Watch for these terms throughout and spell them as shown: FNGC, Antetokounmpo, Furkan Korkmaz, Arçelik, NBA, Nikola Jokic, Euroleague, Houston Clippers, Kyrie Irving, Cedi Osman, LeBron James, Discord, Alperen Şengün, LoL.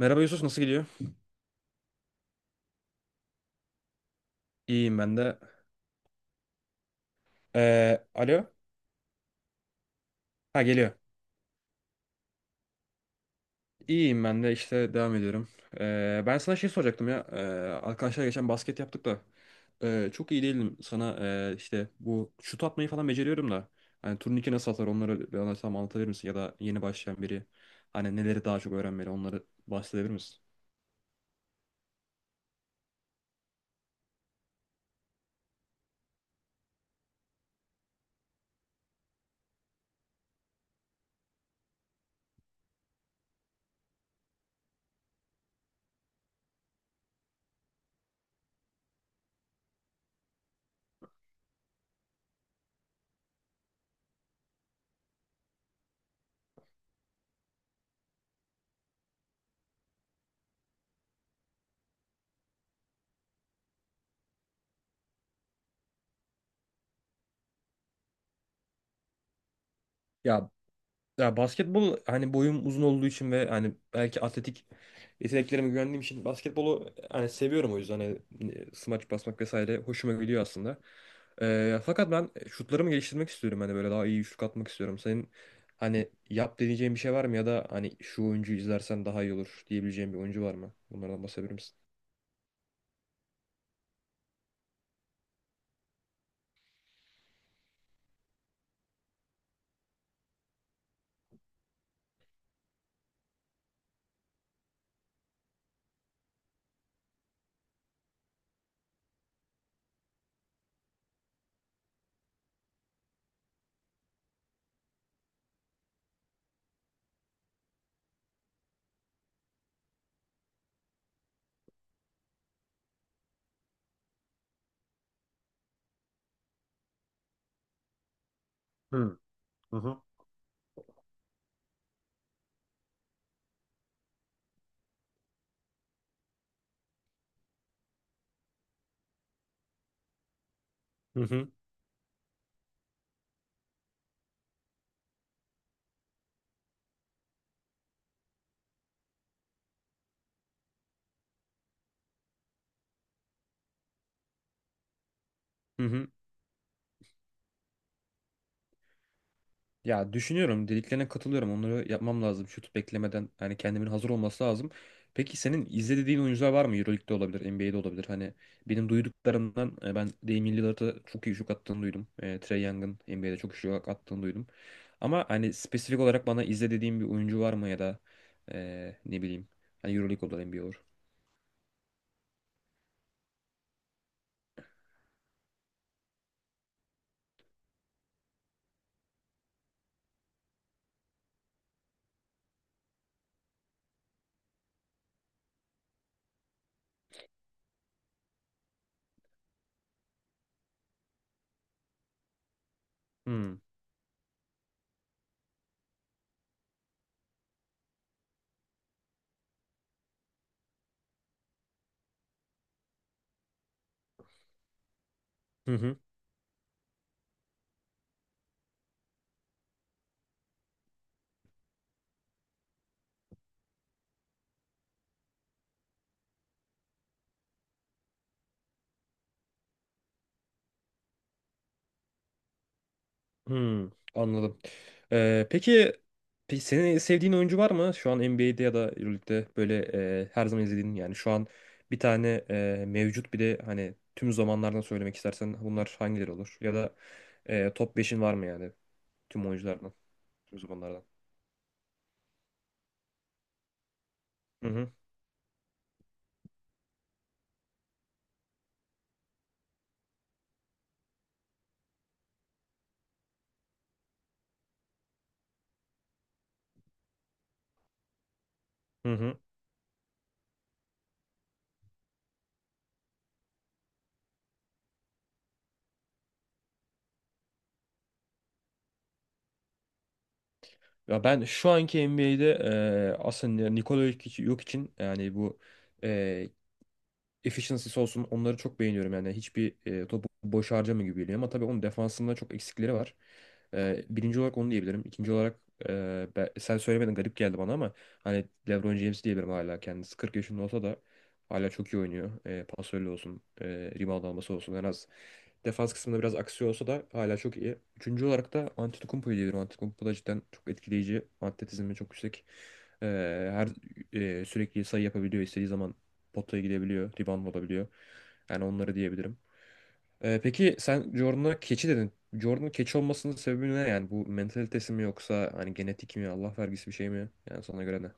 Merhaba Yusuf, nasıl gidiyor? İyiyim ben de. Alo? Ha geliyor. İyiyim ben de işte devam ediyorum. Ben sana şey soracaktım ya. Arkadaşlar geçen basket yaptık da. Çok iyi değilim sana, işte bu şut atmayı falan beceriyorum da. Hani turnike nasıl atar, onları bana tam anlatabilir misin? Ya da yeni başlayan biri hani neleri daha çok öğrenmeli, onları bahsedebilir misin? Ya Ya, basketbol hani boyum uzun olduğu için ve hani belki atletik yeteneklerime güvendiğim için basketbolu hani seviyorum, o yüzden hani smaç basmak vesaire hoşuma gidiyor aslında. Fakat ben şutlarımı geliştirmek istiyorum, hani böyle daha iyi şut atmak istiyorum. Senin hani yap deneyeceğin bir şey var mı, ya da hani şu oyuncuyu izlersen daha iyi olur diyebileceğin bir oyuncu var mı? Bunlardan bahsedebilir misin? Hı hı. Hı. Hı hı. Hı. Ya düşünüyorum, dediklerine katılıyorum. Onları yapmam lazım. Şut beklemeden, yani kendimin hazır olması lazım. Peki senin izlediğin oyuncular var mı? Euroleague'de olabilir, NBA'de olabilir. Hani benim duyduklarımdan ben Damian Lillard'a çok iyi şut attığını duydum. Trae Young'ın NBA'de çok iyi şut attığını duydum. Ama hani spesifik olarak bana izle dediğin bir oyuncu var mı, ya da ne bileyim, hani Euroleague olur, NBA olur. Hmm. Hı hı. Hmm, anladım. Ee, peki, peki senin sevdiğin oyuncu var mı? Şu an NBA'de ya da Euroleague'de böyle her zaman izlediğin, yani şu an bir tane mevcut, bir de hani tüm zamanlardan söylemek istersen bunlar hangileri olur? Ya da top beşin var mı, yani tüm oyunculardan, tüm zamanlardan? Hı hı. Hı hı. Ya ben şu anki NBA'de aslında Nikola Jokic, Jokic'in yani bu efficiency'si olsun, onları çok beğeniyorum. Yani hiçbir topu boş harcamıyor gibi geliyor, ama tabii onun defansında çok eksikleri var. Birinci olarak onu diyebilirim. İkinci olarak sen söylemedin, garip geldi bana, ama hani LeBron James diyebilirim; hala kendisi 40 yaşında olsa da hala çok iyi oynuyor. Pasörlü olsun, rebound alması olsun, en az defans kısmında biraz aksiyon olsa da hala çok iyi. Üçüncü olarak da Antetokounmpo'yu diyebilirim. Antetokounmpo da cidden çok etkileyici. Atletizmi çok yüksek. E, her sürekli sayı yapabiliyor. İstediği zaman potaya gidebiliyor. Rebound olabiliyor. Yani onları diyebilirim. Peki sen Jordan'a keçi dedin. Jordan'ın keçi olmasının sebebi ne? Yani bu mentalitesi mi, yoksa hani genetik mi, Allah vergisi bir şey mi? Yani sana göre ne?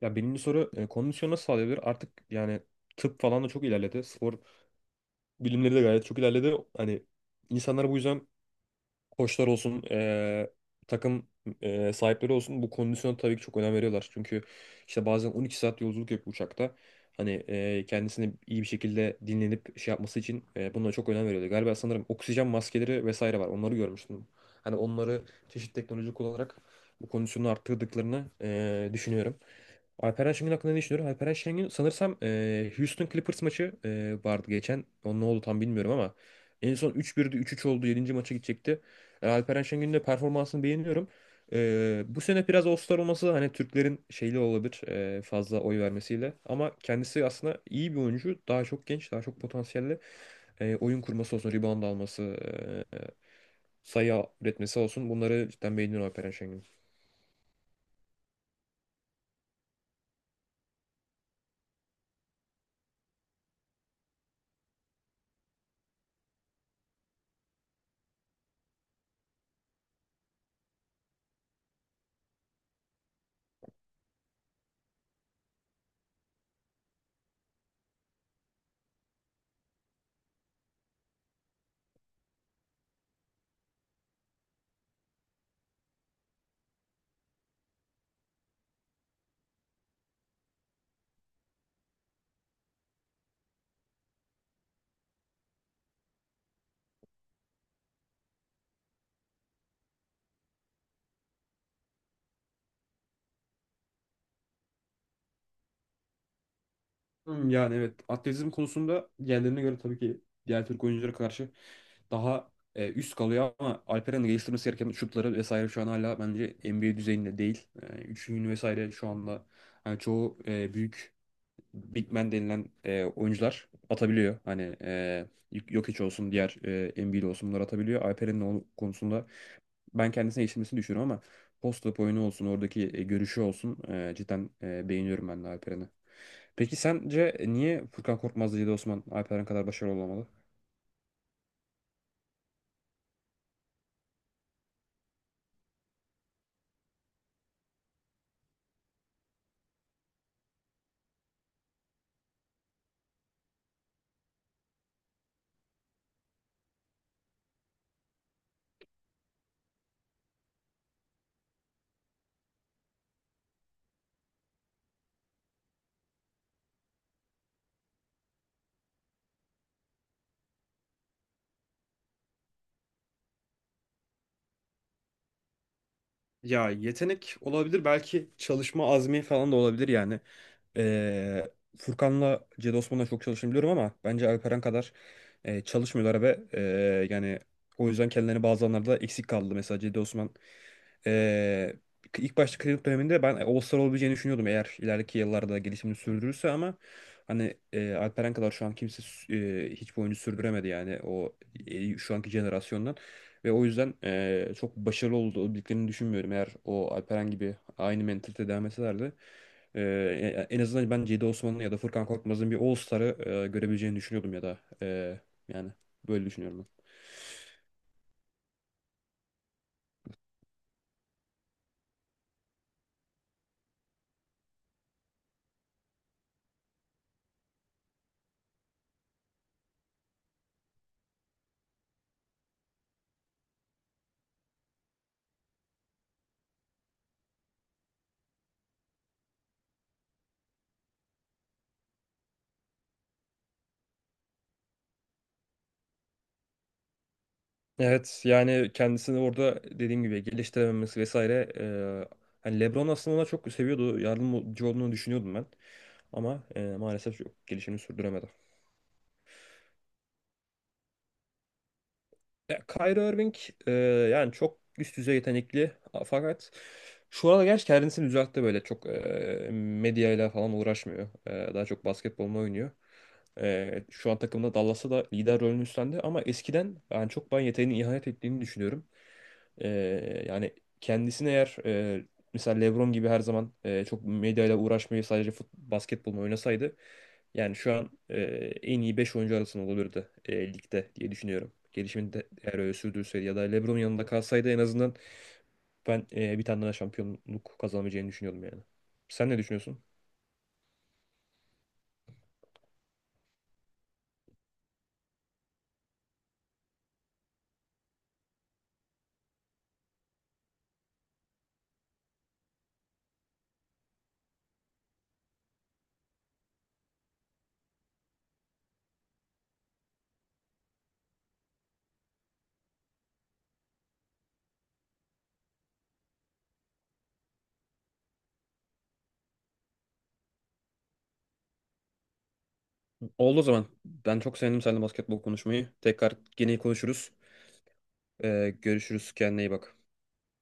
Ya birinci soru, kondisyon nasıl sağlayabilir? Artık yani tıp falan da çok ilerledi. Spor bilimleri de gayet çok ilerledi. Hani insanlar bu yüzden, koçlar olsun, takım sahipleri olsun, bu kondisyona tabii ki çok önem veriyorlar. Çünkü işte bazen 12 saat yolculuk yapıyor uçakta. Hani kendisini iyi bir şekilde dinlenip şey yapması için bunlara çok önem veriyorlar. Galiba, sanırım oksijen maskeleri vesaire var. Onları görmüştüm. Hani onları çeşitli teknoloji kullanarak bu kondisyonu arttırdıklarını düşünüyorum. Alperen Şengün hakkında ne düşünüyorum? Alperen Şengün sanırsam Houston Clippers maçı vardı geçen. O ne oldu tam bilmiyorum, ama en son 3-1'di, 3-3 oldu, yedinci maça gidecekti. Alperen Şengün'ün de performansını beğeniyorum. Bu sene biraz All-Star olması hani Türklerin şeyli olabilir, fazla oy vermesiyle. Ama kendisi aslında iyi bir oyuncu. Daha çok genç, daha çok potansiyelli. Oyun kurması olsun, rebound alması, sayı üretmesi olsun. Bunları cidden beğeniyorum Alperen Şengün'ün. Hmm, yani evet, atletizm konusunda diğerlerine göre tabii ki diğer Türk oyunculara karşı daha üst kalıyor, ama Alperen'in geliştirmesi gereken şutları vesaire şu an hala bence NBA düzeyinde değil. Üçlüğünü vesaire şu anda hani çoğu büyük, big man denilen oyuncular atabiliyor. Hani Jokic olsun, diğer Embiid olsun, bunlar atabiliyor. Alperen'in o konusunda ben kendisine yetiştirmesini düşünüyorum, ama post-up oyunu olsun, oradaki görüşü olsun, cidden beğeniyorum ben de Alperen'i. Peki sence niye Furkan Korkmaz, Cedi Osman Alperen kadar başarılı olamadı? Ya, yetenek olabilir, belki çalışma azmi falan da olabilir yani. Ee, Furkan'la Cedi Osman'la çok çalıştığını biliyorum, ama bence Alperen kadar çalışmıyorlar, ve yani o yüzden kendilerini bazı anlarda eksik kaldı. Mesela Cedi Osman, e, ilk başta kredi döneminde ben All-Star olabileceğini düşünüyordum, eğer ileriki yıllarda gelişimini sürdürürse; ama hani Alperen kadar şu an kimse hiçbir oyuncu sürdüremedi, yani o şu anki jenerasyondan. Ve o yüzden çok başarılı olduklarını düşünmüyorum. Eğer o Alperen gibi aynı mentalite devam etselerdi, en azından ben Cedi Osman'ın ya da Furkan Korkmaz'ın bir All-Star'ı görebileceğini düşünüyordum; ya da yani böyle düşünüyorum ben. Evet, yani kendisini orada dediğim gibi geliştirememesi vesaire, hani LeBron aslında ona çok seviyordu, yardımcı olduğunu düşünüyordum ben, ama maalesef çok gelişimini sürdüremedi. Ya, Kyrie Irving, e, yani çok üst düzey yetenekli, fakat şu anda gerçi kendisini düzeltti, böyle çok medyayla falan uğraşmıyor. Daha çok basketbolunu oynuyor. Şu an takımda Dallas'ta da lider rolünü üstlendi, ama eskiden yani çok ben yeteneğine ihanet ettiğini düşünüyorum. E, Yani kendisini, eğer mesela LeBron gibi her zaman çok medyayla uğraşmayı sadece basketbolunu oynasaydı, yani şu an en iyi 5 oyuncu arasında olabilirdi ligde diye düşünüyorum. Gelişimini de eğer öyle sürdürseydi ya da LeBron yanında kalsaydı, en azından ben bir tane daha şampiyonluk kazanamayacağını düşünüyordum yani. Sen ne düşünüyorsun? Oldu o zaman. Ben çok sevindim seninle basketbol konuşmayı. Tekrar gene konuşuruz. Görüşürüz. Kendine iyi bak.